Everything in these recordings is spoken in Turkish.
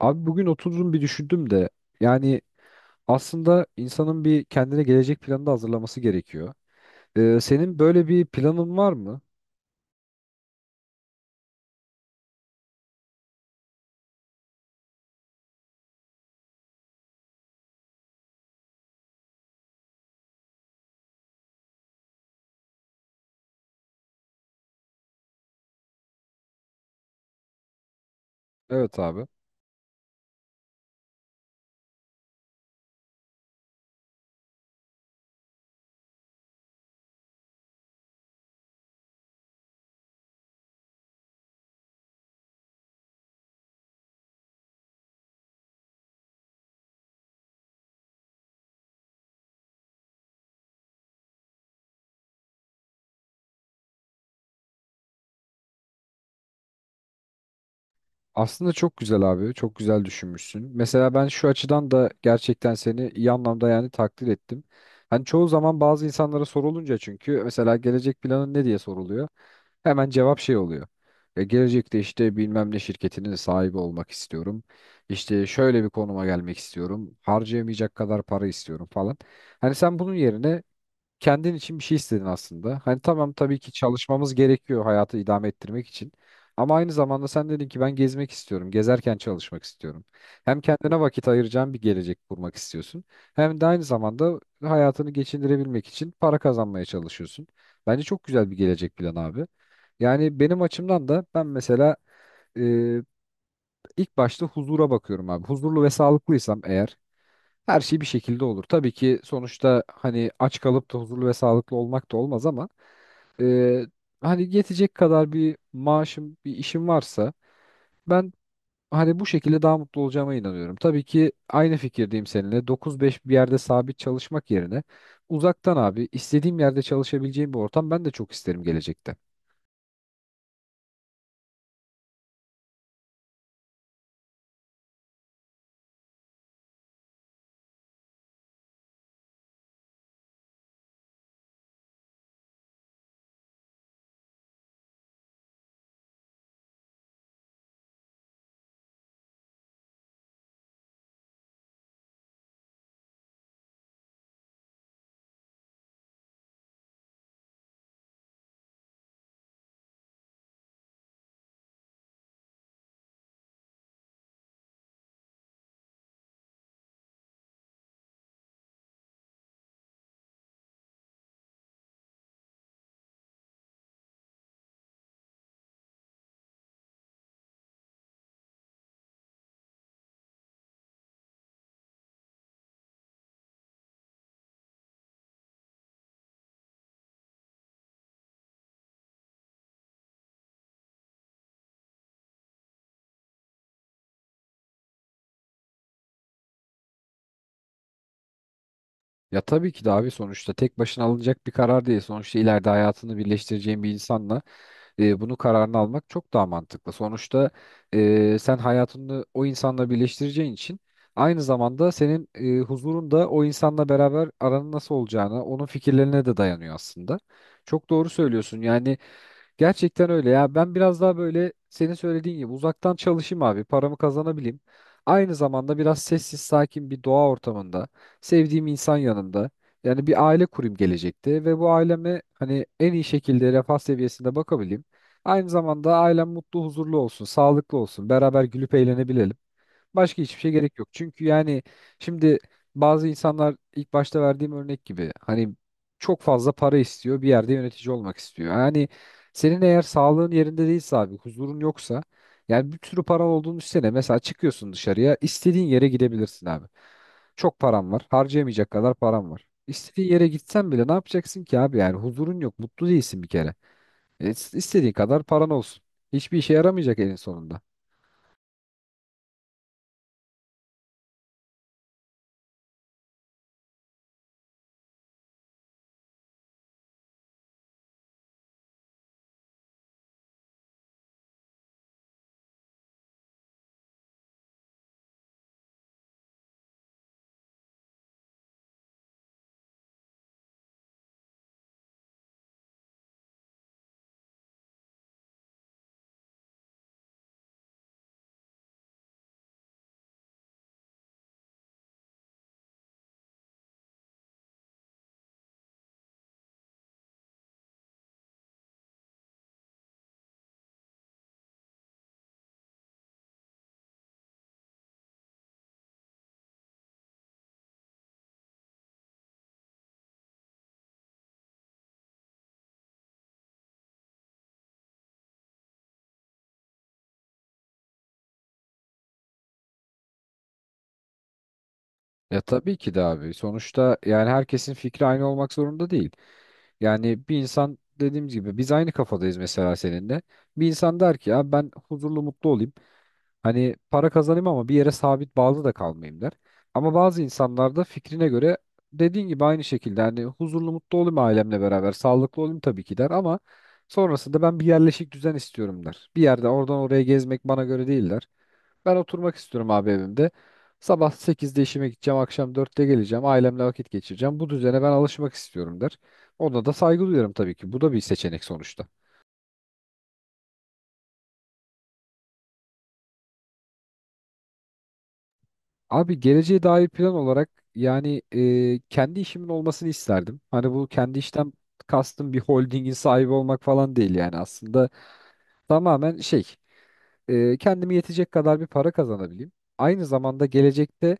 Abi bugün oturdum bir düşündüm de yani aslında insanın bir kendine gelecek planı da hazırlaması gerekiyor. Senin böyle bir planın var mı? Evet abi. Aslında çok güzel abi. Çok güzel düşünmüşsün. Mesela ben şu açıdan da gerçekten seni iyi anlamda yani takdir ettim. Hani çoğu zaman bazı insanlara sorulunca çünkü mesela gelecek planın ne diye soruluyor. Hemen cevap şey oluyor. Gelecekte işte bilmem ne şirketinin sahibi olmak istiyorum. İşte şöyle bir konuma gelmek istiyorum. Harcayamayacak kadar para istiyorum falan. Hani sen bunun yerine kendin için bir şey istedin aslında. Hani tamam tabii ki çalışmamız gerekiyor hayatı idame ettirmek için. Ama aynı zamanda sen dedin ki ben gezmek istiyorum. Gezerken çalışmak istiyorum. Hem kendine vakit ayıracağın bir gelecek kurmak istiyorsun. Hem de aynı zamanda hayatını geçindirebilmek için para kazanmaya çalışıyorsun. Bence çok güzel bir gelecek planı abi. Yani benim açımdan da ben mesela e, ilk başta huzura bakıyorum abi. Huzurlu ve sağlıklıysam eğer her şey bir şekilde olur. Tabii ki sonuçta hani aç kalıp da huzurlu ve sağlıklı olmak da olmaz ama e, hani yetecek kadar bir maaşım, bir işim varsa ben hani bu şekilde daha mutlu olacağıma inanıyorum. Tabii ki aynı fikirdeyim seninle. 9-5 bir yerde sabit çalışmak yerine uzaktan abi istediğim yerde çalışabileceğim bir ortam ben de çok isterim gelecekte. Ya tabii ki de abi, sonuçta tek başına alınacak bir karar değil. Sonuçta ileride hayatını birleştireceğim bir insanla bunu kararını almak çok daha mantıklı. Sonuçta sen hayatını o insanla birleştireceğin için aynı zamanda senin huzurun da o insanla beraber aranın nasıl olacağına, onun fikirlerine de dayanıyor aslında. Çok doğru söylüyorsun. Yani gerçekten öyle ya. Ben biraz daha böyle senin söylediğin gibi uzaktan çalışayım abi. Paramı kazanabileyim. Aynı zamanda biraz sessiz sakin bir doğa ortamında, sevdiğim insan yanında. Yani bir aile kurayım gelecekte ve bu aileme hani en iyi şekilde refah seviyesinde bakabileyim. Aynı zamanda ailem mutlu, huzurlu olsun, sağlıklı olsun. Beraber gülüp eğlenebilelim. Başka hiçbir şey gerek yok. Çünkü yani şimdi bazı insanlar ilk başta verdiğim örnek gibi hani çok fazla para istiyor, bir yerde yönetici olmak istiyor. Yani senin eğer sağlığın yerinde değilse abi, huzurun yoksa yani bir sürü paran olduğunu düşünsene. Mesela çıkıyorsun dışarıya, istediğin yere gidebilirsin abi. Çok param var, harcayamayacak kadar param var. İstediğin yere gitsen bile ne yapacaksın ki abi, yani huzurun yok, mutlu değilsin bir kere. İstediğin kadar paran olsun. Hiçbir işe yaramayacak elin sonunda. Ya tabii ki de abi. Sonuçta yani herkesin fikri aynı olmak zorunda değil. Yani bir insan dediğimiz gibi biz aynı kafadayız mesela seninle. Bir insan der ki ya ben huzurlu mutlu olayım. Hani para kazanayım ama bir yere sabit bağlı da kalmayayım der. Ama bazı insanlar da fikrine göre dediğin gibi aynı şekilde hani huzurlu mutlu olayım ailemle beraber sağlıklı olayım tabii ki der ama sonrasında ben bir yerleşik düzen istiyorum der. Bir yerde oradan oraya gezmek bana göre değil der. Ben oturmak istiyorum abi evimde. Sabah sekizde işime gideceğim, akşam dörtte geleceğim, ailemle vakit geçireceğim. Bu düzene ben alışmak istiyorum der. Ona da saygı duyuyorum tabii ki. Bu da bir seçenek sonuçta. Abi geleceğe dair plan olarak yani kendi işimin olmasını isterdim. Hani bu kendi işten kastım bir holdingin sahibi olmak falan değil, yani aslında tamamen şey kendime yetecek kadar bir para kazanabileyim. Aynı zamanda gelecekte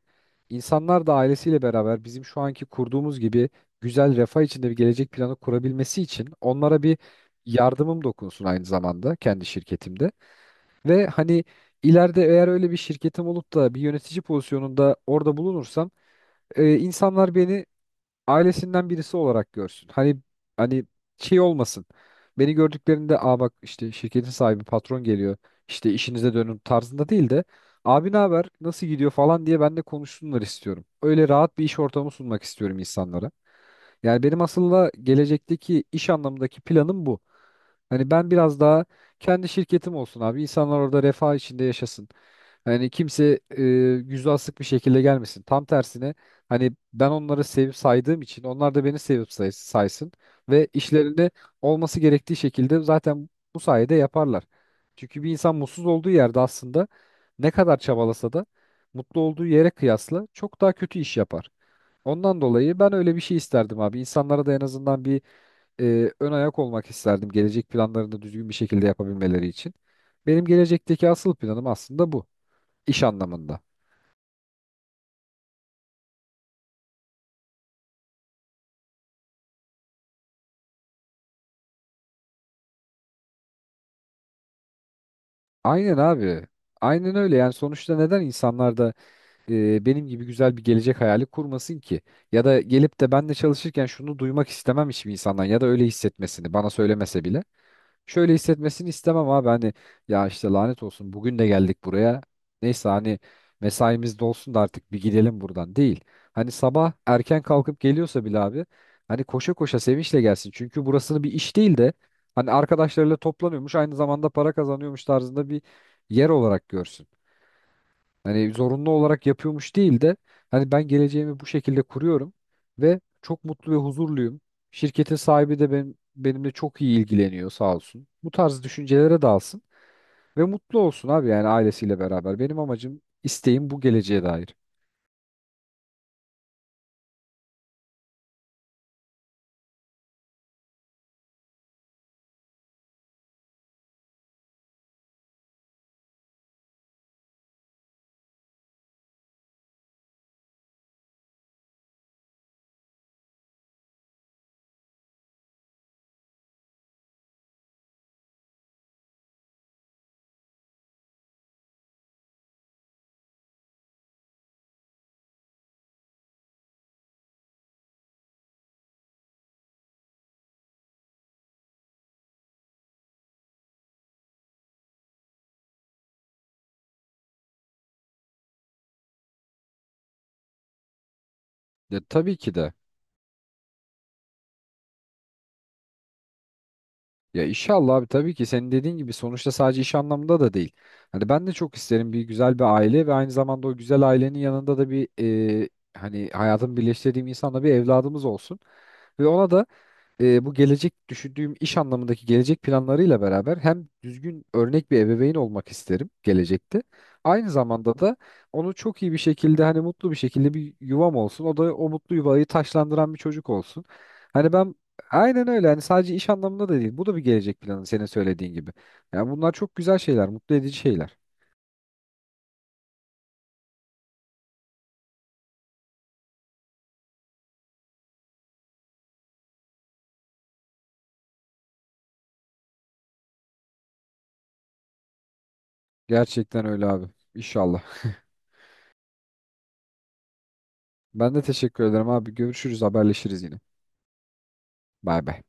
insanlar da ailesiyle beraber bizim şu anki kurduğumuz gibi güzel refah içinde bir gelecek planı kurabilmesi için onlara bir yardımım dokunsun aynı zamanda kendi şirketimde. Ve hani ileride eğer öyle bir şirketim olup da bir yönetici pozisyonunda orada bulunursam insanlar beni ailesinden birisi olarak görsün. Hani şey olmasın. Beni gördüklerinde aa bak işte şirketin sahibi patron geliyor. İşte işinize dönün tarzında değil de abi ne haber nasıl gidiyor falan diye ben de konuşsunlar istiyorum. Öyle rahat bir iş ortamı sunmak istiyorum insanlara. Yani benim aslında gelecekteki iş anlamındaki planım bu. Hani ben biraz daha kendi şirketim olsun abi. İnsanlar orada refah içinde yaşasın. Hani kimse yüzü asık bir şekilde gelmesin. Tam tersine hani ben onları sevip saydığım için onlar da beni sevip saysın ve işlerinde olması gerektiği şekilde zaten bu sayede yaparlar. Çünkü bir insan mutsuz olduğu yerde aslında ne kadar çabalasa da mutlu olduğu yere kıyasla çok daha kötü iş yapar. Ondan dolayı ben öyle bir şey isterdim abi. İnsanlara da en azından bir ön ayak olmak isterdim. Gelecek planlarını düzgün bir şekilde yapabilmeleri için. Benim gelecekteki asıl planım aslında bu. İş anlamında. Aynen abi. Aynen öyle. Yani sonuçta neden insanlar da benim gibi güzel bir gelecek hayali kurmasın ki? Ya da gelip de ben de çalışırken şunu duymak istemem hiçbir insandan, ya da öyle hissetmesini bana söylemese bile şöyle hissetmesini istemem abi. Hani ya işte lanet olsun bugün de geldik buraya. Neyse hani mesaimiz dolsun da artık bir gidelim buradan değil. Hani sabah erken kalkıp geliyorsa bile abi hani koşa koşa sevinçle gelsin. Çünkü burasını bir iş değil de hani arkadaşlarıyla toplanıyormuş aynı zamanda para kazanıyormuş tarzında bir yer olarak görsün. Hani zorunlu olarak yapıyormuş değil de hani ben geleceğimi bu şekilde kuruyorum ve çok mutlu ve huzurluyum. Şirketin sahibi de benim, benimle çok iyi ilgileniyor sağ olsun. Bu tarz düşüncelere dalsın ve mutlu olsun abi, yani ailesiyle beraber. Benim amacım, isteğim bu geleceğe dair. Ya tabii ki de. Ya inşallah abi, tabii ki senin dediğin gibi sonuçta sadece iş anlamında da değil. Hani ben de çok isterim bir güzel bir aile ve aynı zamanda o güzel ailenin yanında da bir e, hani hayatımı birleştirdiğim insanla bir evladımız olsun. Ve ona da bu gelecek düşündüğüm iş anlamındaki gelecek planlarıyla beraber hem düzgün örnek bir ebeveyn olmak isterim gelecekte. Aynı zamanda da onu çok iyi bir şekilde hani mutlu bir şekilde bir yuvam olsun. O da o mutlu yuvayı taşlandıran bir çocuk olsun. Hani ben aynen öyle, hani sadece iş anlamında da değil. Bu da bir gelecek planı senin söylediğin gibi. Yani bunlar çok güzel şeyler, mutlu edici şeyler. Gerçekten öyle abi. İnşallah. Ben de teşekkür ederim abi. Görüşürüz, haberleşiriz yine. Bay bay.